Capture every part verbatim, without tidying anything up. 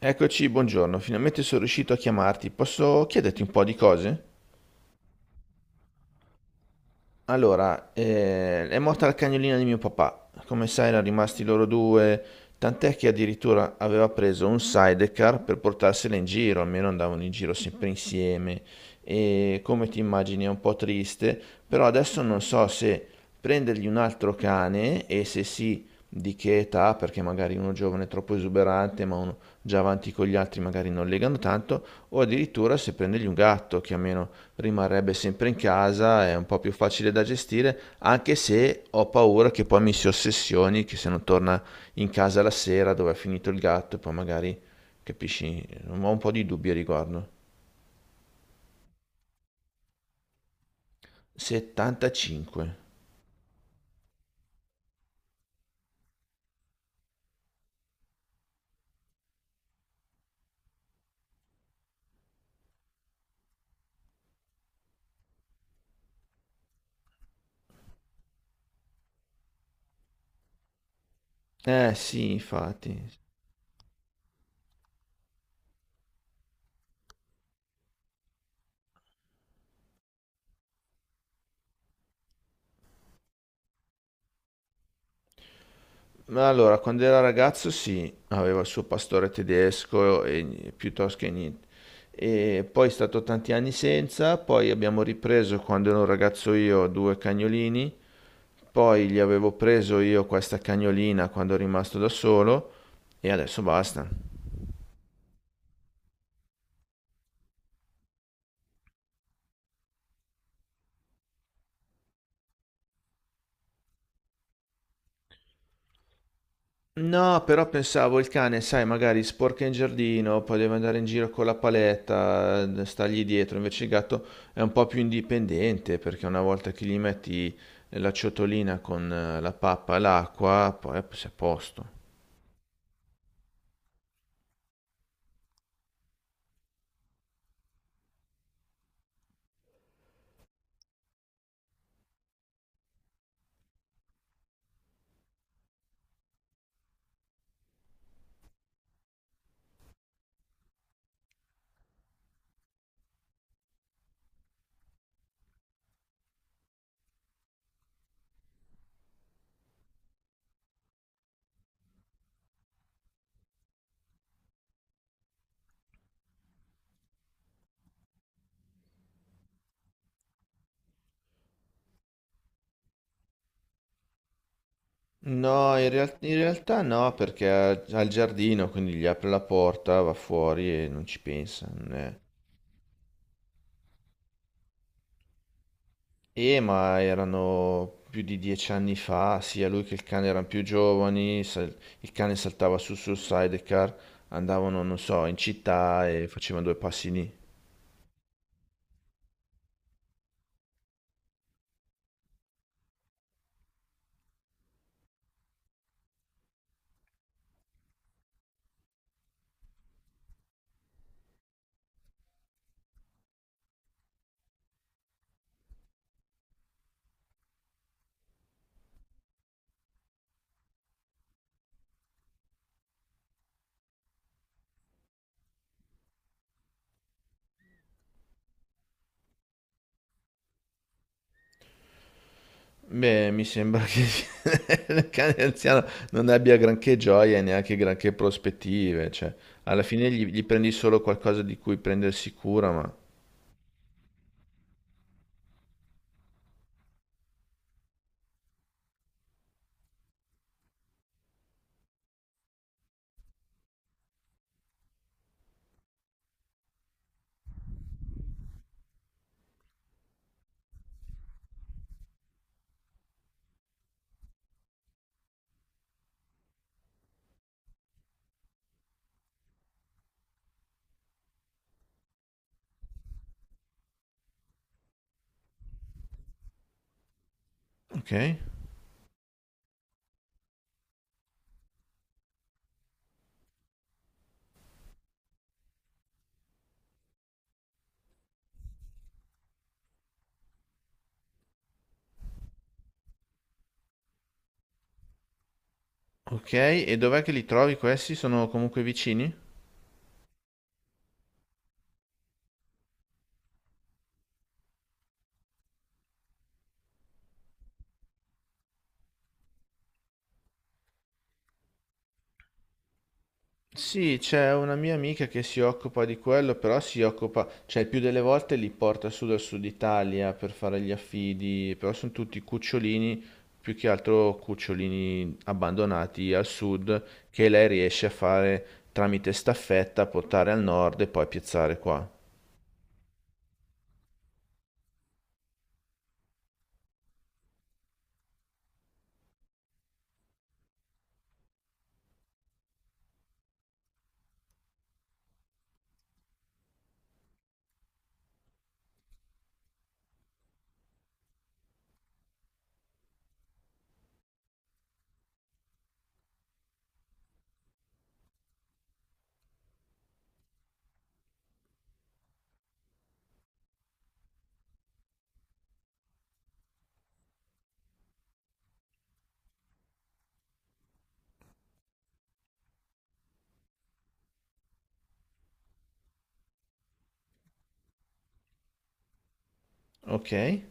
Eccoci, buongiorno, finalmente sono riuscito a chiamarti. Posso chiederti un po' di cose? Allora, eh, è morta la cagnolina di mio papà. Come sai, erano rimasti loro due, tant'è che addirittura aveva preso un sidecar per portarsela in giro, almeno andavano in giro sempre insieme. E come ti immagini è un po' triste, però adesso non so se prendergli un altro cane e se sì, di che età, perché magari uno giovane è troppo esuberante, ma uno già avanti con gli altri magari non legano tanto, o addirittura se prendergli un gatto, che almeno rimarrebbe sempre in casa, è un po' più facile da gestire, anche se ho paura che poi mi si ossessioni, che se non torna in casa la sera dove è finito il gatto, poi magari, capisci, ho un po' di dubbi a riguardo. settantacinque. Eh sì, infatti. Ma Allora, quando era ragazzo sì, aveva il suo pastore tedesco e piuttosto che niente. E poi è stato tanti anni senza, poi abbiamo ripreso quando ero un ragazzo io due cagnolini Poi gli avevo preso io questa cagnolina quando ero rimasto da solo e adesso basta. No, però pensavo il cane, sai, magari sporca in giardino, poi deve andare in giro con la paletta, eh, stargli dietro. Invece il gatto è un po' più indipendente perché una volta che gli metti la ciotolina con eh, la pappa e l'acqua, poi sei a posto. No, in real- in realtà no, perché ha ha il giardino, quindi gli apre la porta, va fuori e non ci pensa. Non è- Eh, ma erano più di dieci anni fa, sia lui che il cane erano più giovani, sal- il cane saltava su sul sidecar, andavano, non so, in città e facevano due passi lì. Beh, mi sembra che il cane anziano non abbia granché gioia e neanche granché prospettive, cioè, alla fine gli, gli prendi solo qualcosa di cui prendersi cura, ma... Ok, ok, e dov'è che li trovi questi? Sono comunque vicini? Sì, c'è una mia amica che si occupa di quello, però si occupa, cioè il più delle volte li porta su dal sud Italia per fare gli affidi, però sono tutti cucciolini, più che altro cucciolini abbandonati al sud, che lei riesce a fare tramite staffetta, portare al nord e poi piazzare qua. Ok?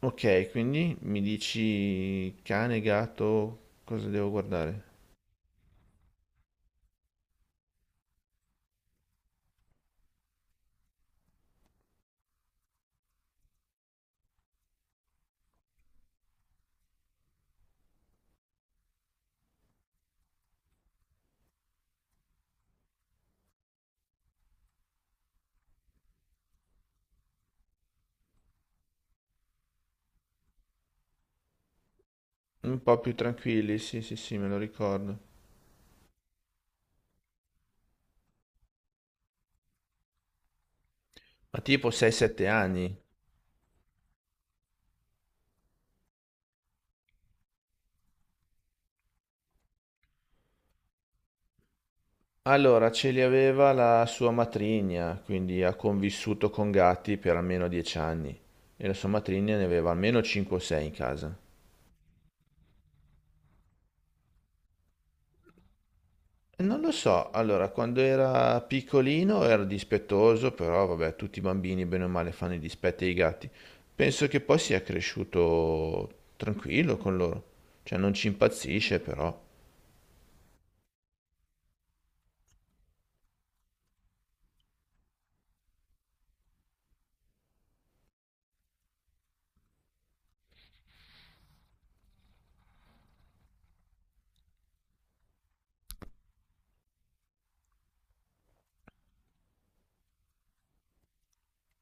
Ok, quindi mi dici cane, gatto, cosa devo guardare? Un po' più tranquilli, sì, sì, sì, me lo ricordo. Ma tipo sei sette anni? Allora, ce li aveva la sua matrigna, quindi ha convissuto con gatti per almeno dieci anni e la sua matrigna ne aveva almeno cinque o sei in casa. E Non lo so, allora, quando era piccolino era dispettoso, però vabbè, tutti i bambini bene o male fanno i dispetti ai gatti. Penso che poi sia cresciuto tranquillo con loro, cioè non ci impazzisce però.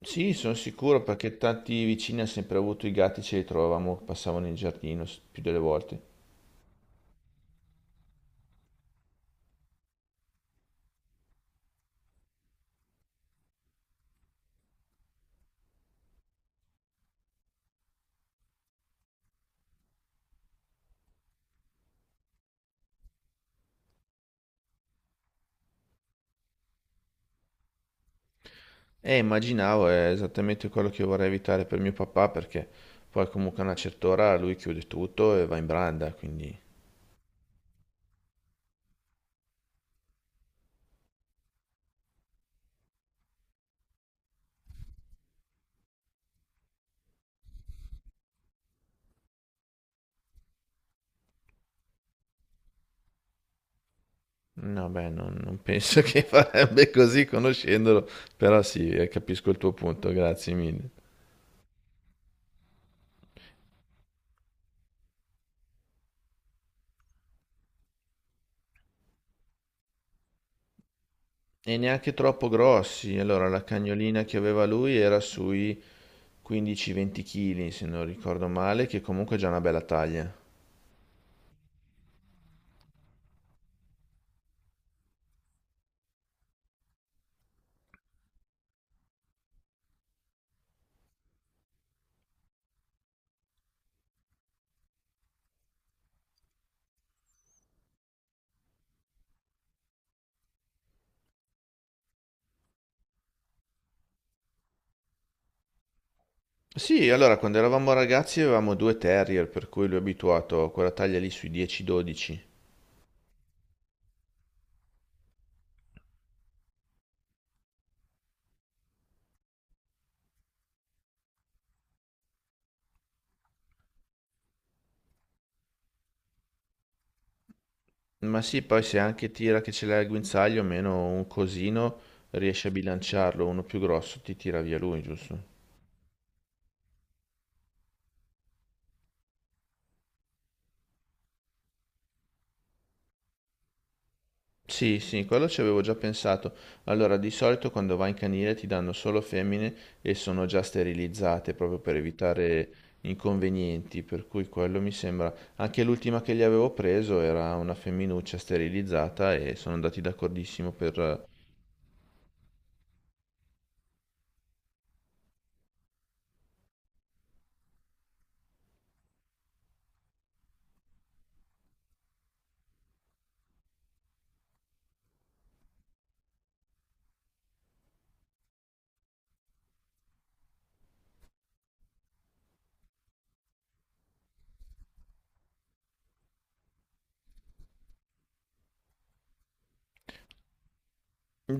Sì, sono sicuro perché tanti vicini hanno sempre avuto i gatti, ce li trovavamo, passavano in giardino s- più delle volte. E immaginavo, è esattamente quello che io vorrei evitare per mio papà perché poi comunque a una certa ora lui chiude tutto e va in branda, quindi no, beh, non, non penso che farebbe così conoscendolo, però sì, eh, capisco il tuo punto, grazie mille. E neanche troppo grossi, allora la cagnolina che aveva lui era sui quindici venti kg, se non ricordo male, che comunque è già una bella taglia. Sì, allora quando eravamo ragazzi avevamo due terrier, per cui lui è abituato a quella taglia lì sui dieci dodici. Ma sì, poi se anche tira che ce l'hai al guinzaglio, meno un cosino, riesci a bilanciarlo, uno più grosso ti tira via lui, giusto? Sì, sì, quello ci avevo già pensato. Allora, di solito quando vai in canile ti danno solo femmine e sono già sterilizzate proprio per evitare inconvenienti, per cui quello mi sembra... Anche l'ultima che gli avevo preso era una femminuccia sterilizzata e sono andati d'accordissimo per... eh.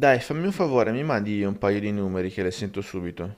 Dai, fammi un favore, mi mandi un paio di numeri che le sento subito.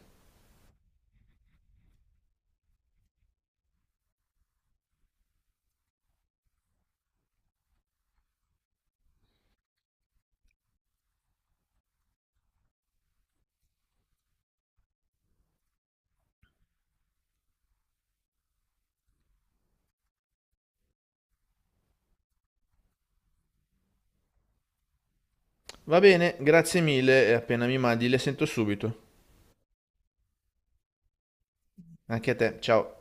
Va bene, grazie mille e appena mi mandi le sento subito. Anche a te, ciao.